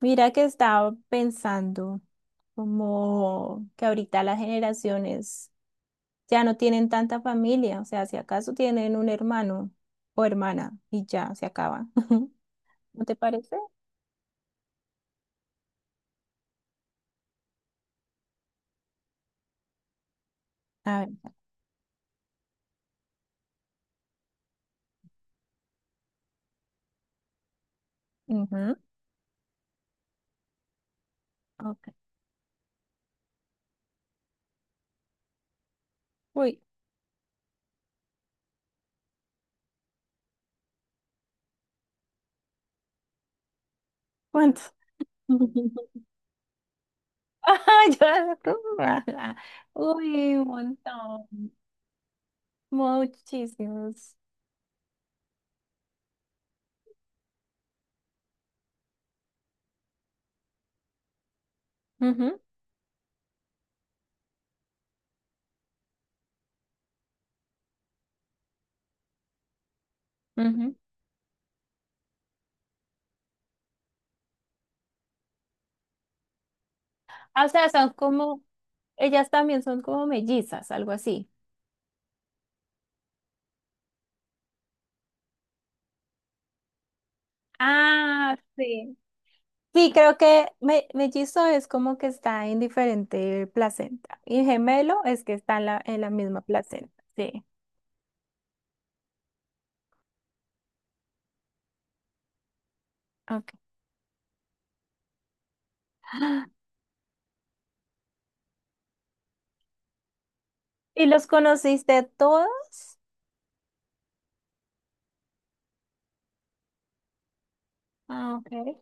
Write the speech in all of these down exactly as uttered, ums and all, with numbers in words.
Mira que estaba pensando como que ahorita las generaciones ya no tienen tanta familia, o sea, si acaso tienen un hermano o hermana y ya se acaba. ¿No te parece? A ver. Ujú. Ok. Uy, ¿cuántos? Ah, yo- Uy, un montón. Muchísimos. Ujú, ujú. Ah, o sea, son como, ellas también son como mellizas, algo así. Ah, sí. Sí, creo que me- mellizo es como que está en diferente placenta y gemelo es que está en la, en la misma placenta. Sí, ok. ¿Y los conociste todos? Ah, ok.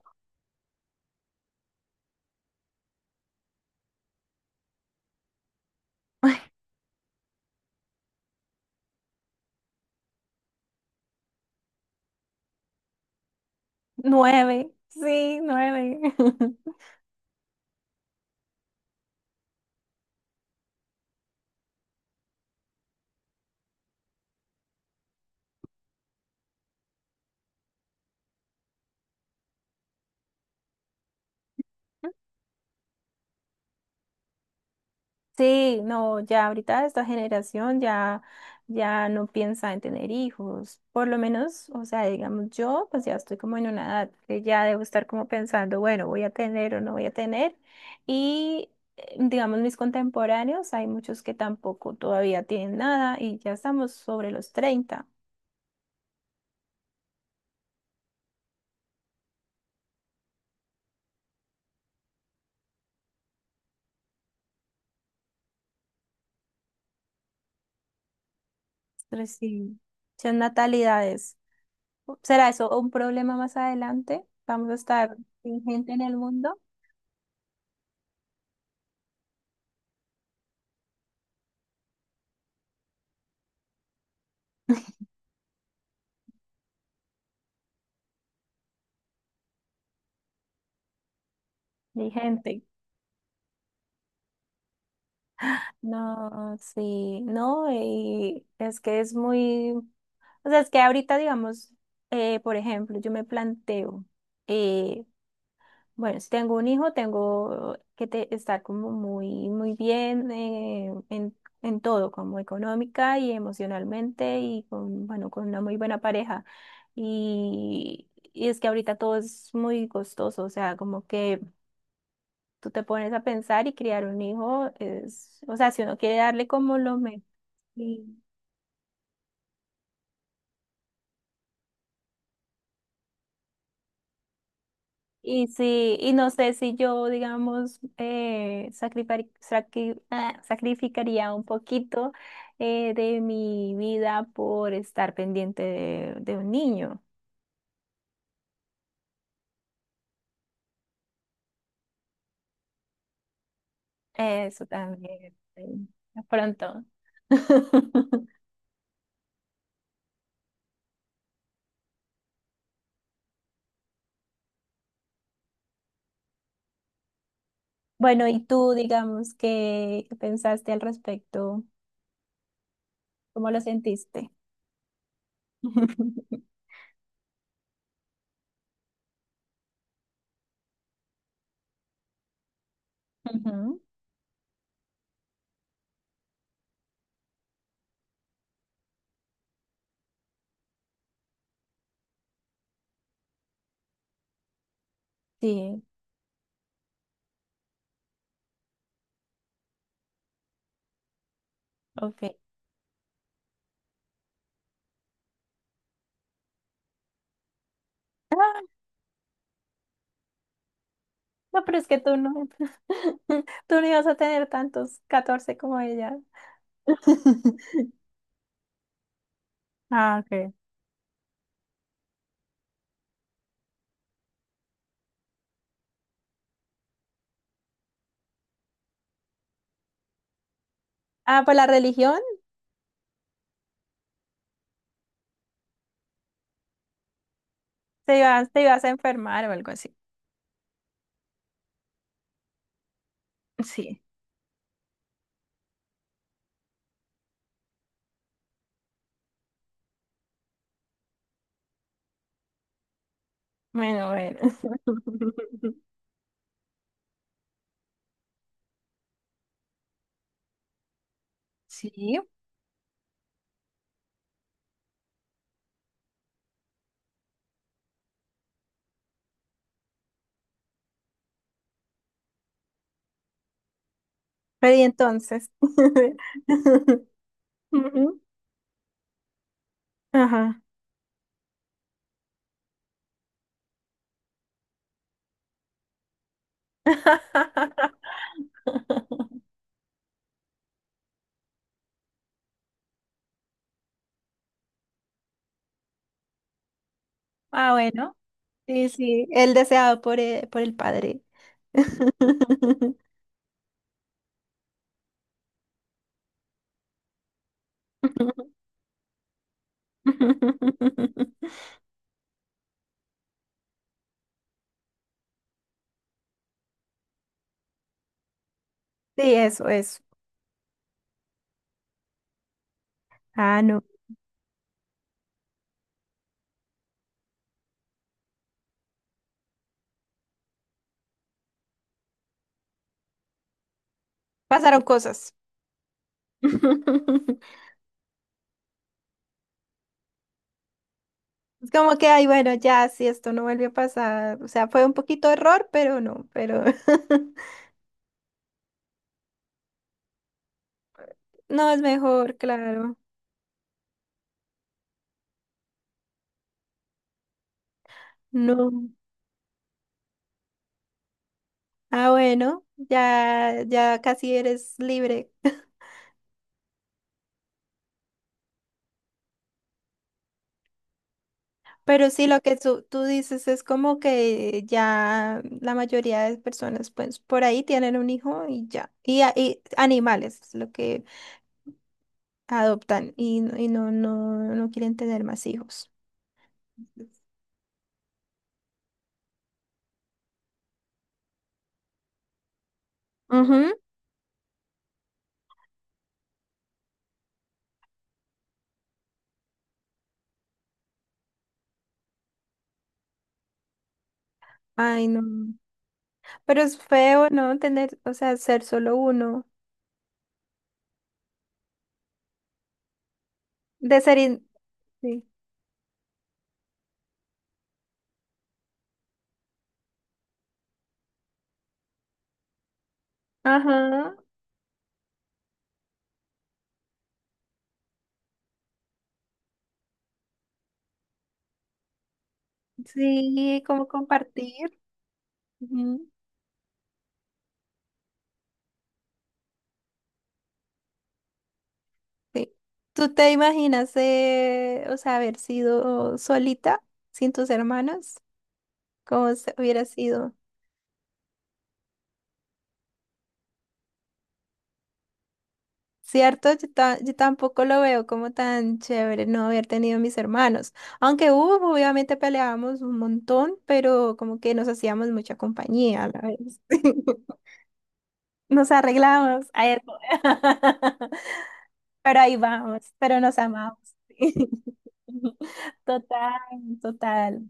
Nueve, sí, nueve. Sí, no, ya ahorita esta generación ya, ya no piensa en tener hijos, por lo menos, o sea, digamos yo, pues ya estoy como en una edad que ya debo estar como pensando, bueno, voy a tener o no voy a tener, y eh, digamos mis contemporáneos, hay muchos que tampoco todavía tienen nada y ya estamos sobre los treinta, entonces sí, son natalidades. ¿Será eso un problema más adelante? ¿Vamos a estar sin gente en el mundo? Ni gente. No, sí, no, y es que es muy, o sea, es que ahorita, digamos, eh, por ejemplo, yo me planteo, eh, bueno, si tengo un hijo, tengo que te- estar como muy, muy bien eh, en, en todo, como económica y emocionalmente y con, bueno, con una muy buena pareja. Y, y es que ahorita todo es muy costoso, o sea, como que tú te pones a pensar y criar un hijo es, o sea, si uno quiere darle como lo mejor. Sí. Y sí, y no sé si yo, digamos, eh, sacrifari- sacri- ah, sacrificaría un poquito eh, de mi vida por estar pendiente de, de un niño. Eso también, sí, de pronto. Bueno, y tú, digamos, ¿qué, qué pensaste al respecto? ¿Cómo lo sentiste? Ujú. Sí, ok. No, pero es que tú no, tú no ibas a tener tantos catorce como ella. Ah, ok. Ah, pues la religión, te ibas, te ibas a enfermar o algo así. Sí. Bueno, bueno. Sí. Pero y entonces. Ujú. Ajá. Ah, bueno. Sí, sí, el deseado por el, por el padre. Sí, eso, eso. Ah, no. Pasaron cosas. Es como que, ay, bueno, ya, si esto no vuelve a pasar, o sea, fue un poquito error, pero no, pero no es mejor, claro, no. Ah, bueno, ya, ya casi eres libre. Pero sí, lo que tú, tú dices es como que ya la mayoría de personas, pues, por ahí tienen un hijo y ya. Y, a- y animales es lo que adoptan y, no- y no, no, no quieren tener más hijos. Ujú. Ay, no. Pero es feo, ¿no? Tener, o sea, ser solo uno. De ser... in- Sí. Ajá. Sí, como compartir. Ujú. Sí. ¿Tú te imaginas, eh, o sea, haber sido solita sin tus hermanos? ¿Cómo se- hubiera sido? Cierto, yo, ta- yo tampoco lo veo como tan chévere no haber tenido mis hermanos. Aunque hubo, obviamente peleábamos un montón, pero como que nos hacíamos mucha compañía a la vez. Nos arreglamos. A eso. Pero ahí vamos, pero nos amamos. Total, total.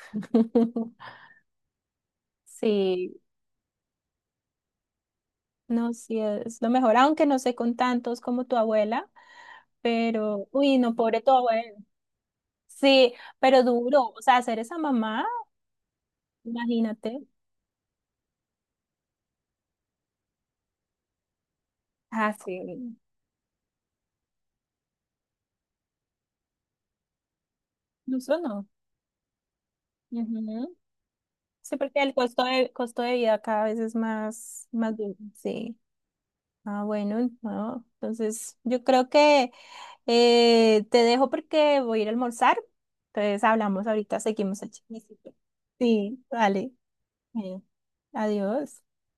Sí, no, sí es lo mejor, aunque no sé con tantos como tu abuela, pero, uy, no, pobre tu abuela. Sí, pero duro, o sea, ser esa mamá, imagínate. Ah, sí, incluso no. Ujú. Sí, porque el costo de, costo de vida cada vez es más, más duro, sí. Ah, bueno, no, entonces yo creo que eh, te dejo porque voy a ir a almorzar. Entonces hablamos ahorita, seguimos el chismecito. Sí, vale. Bueno, adiós.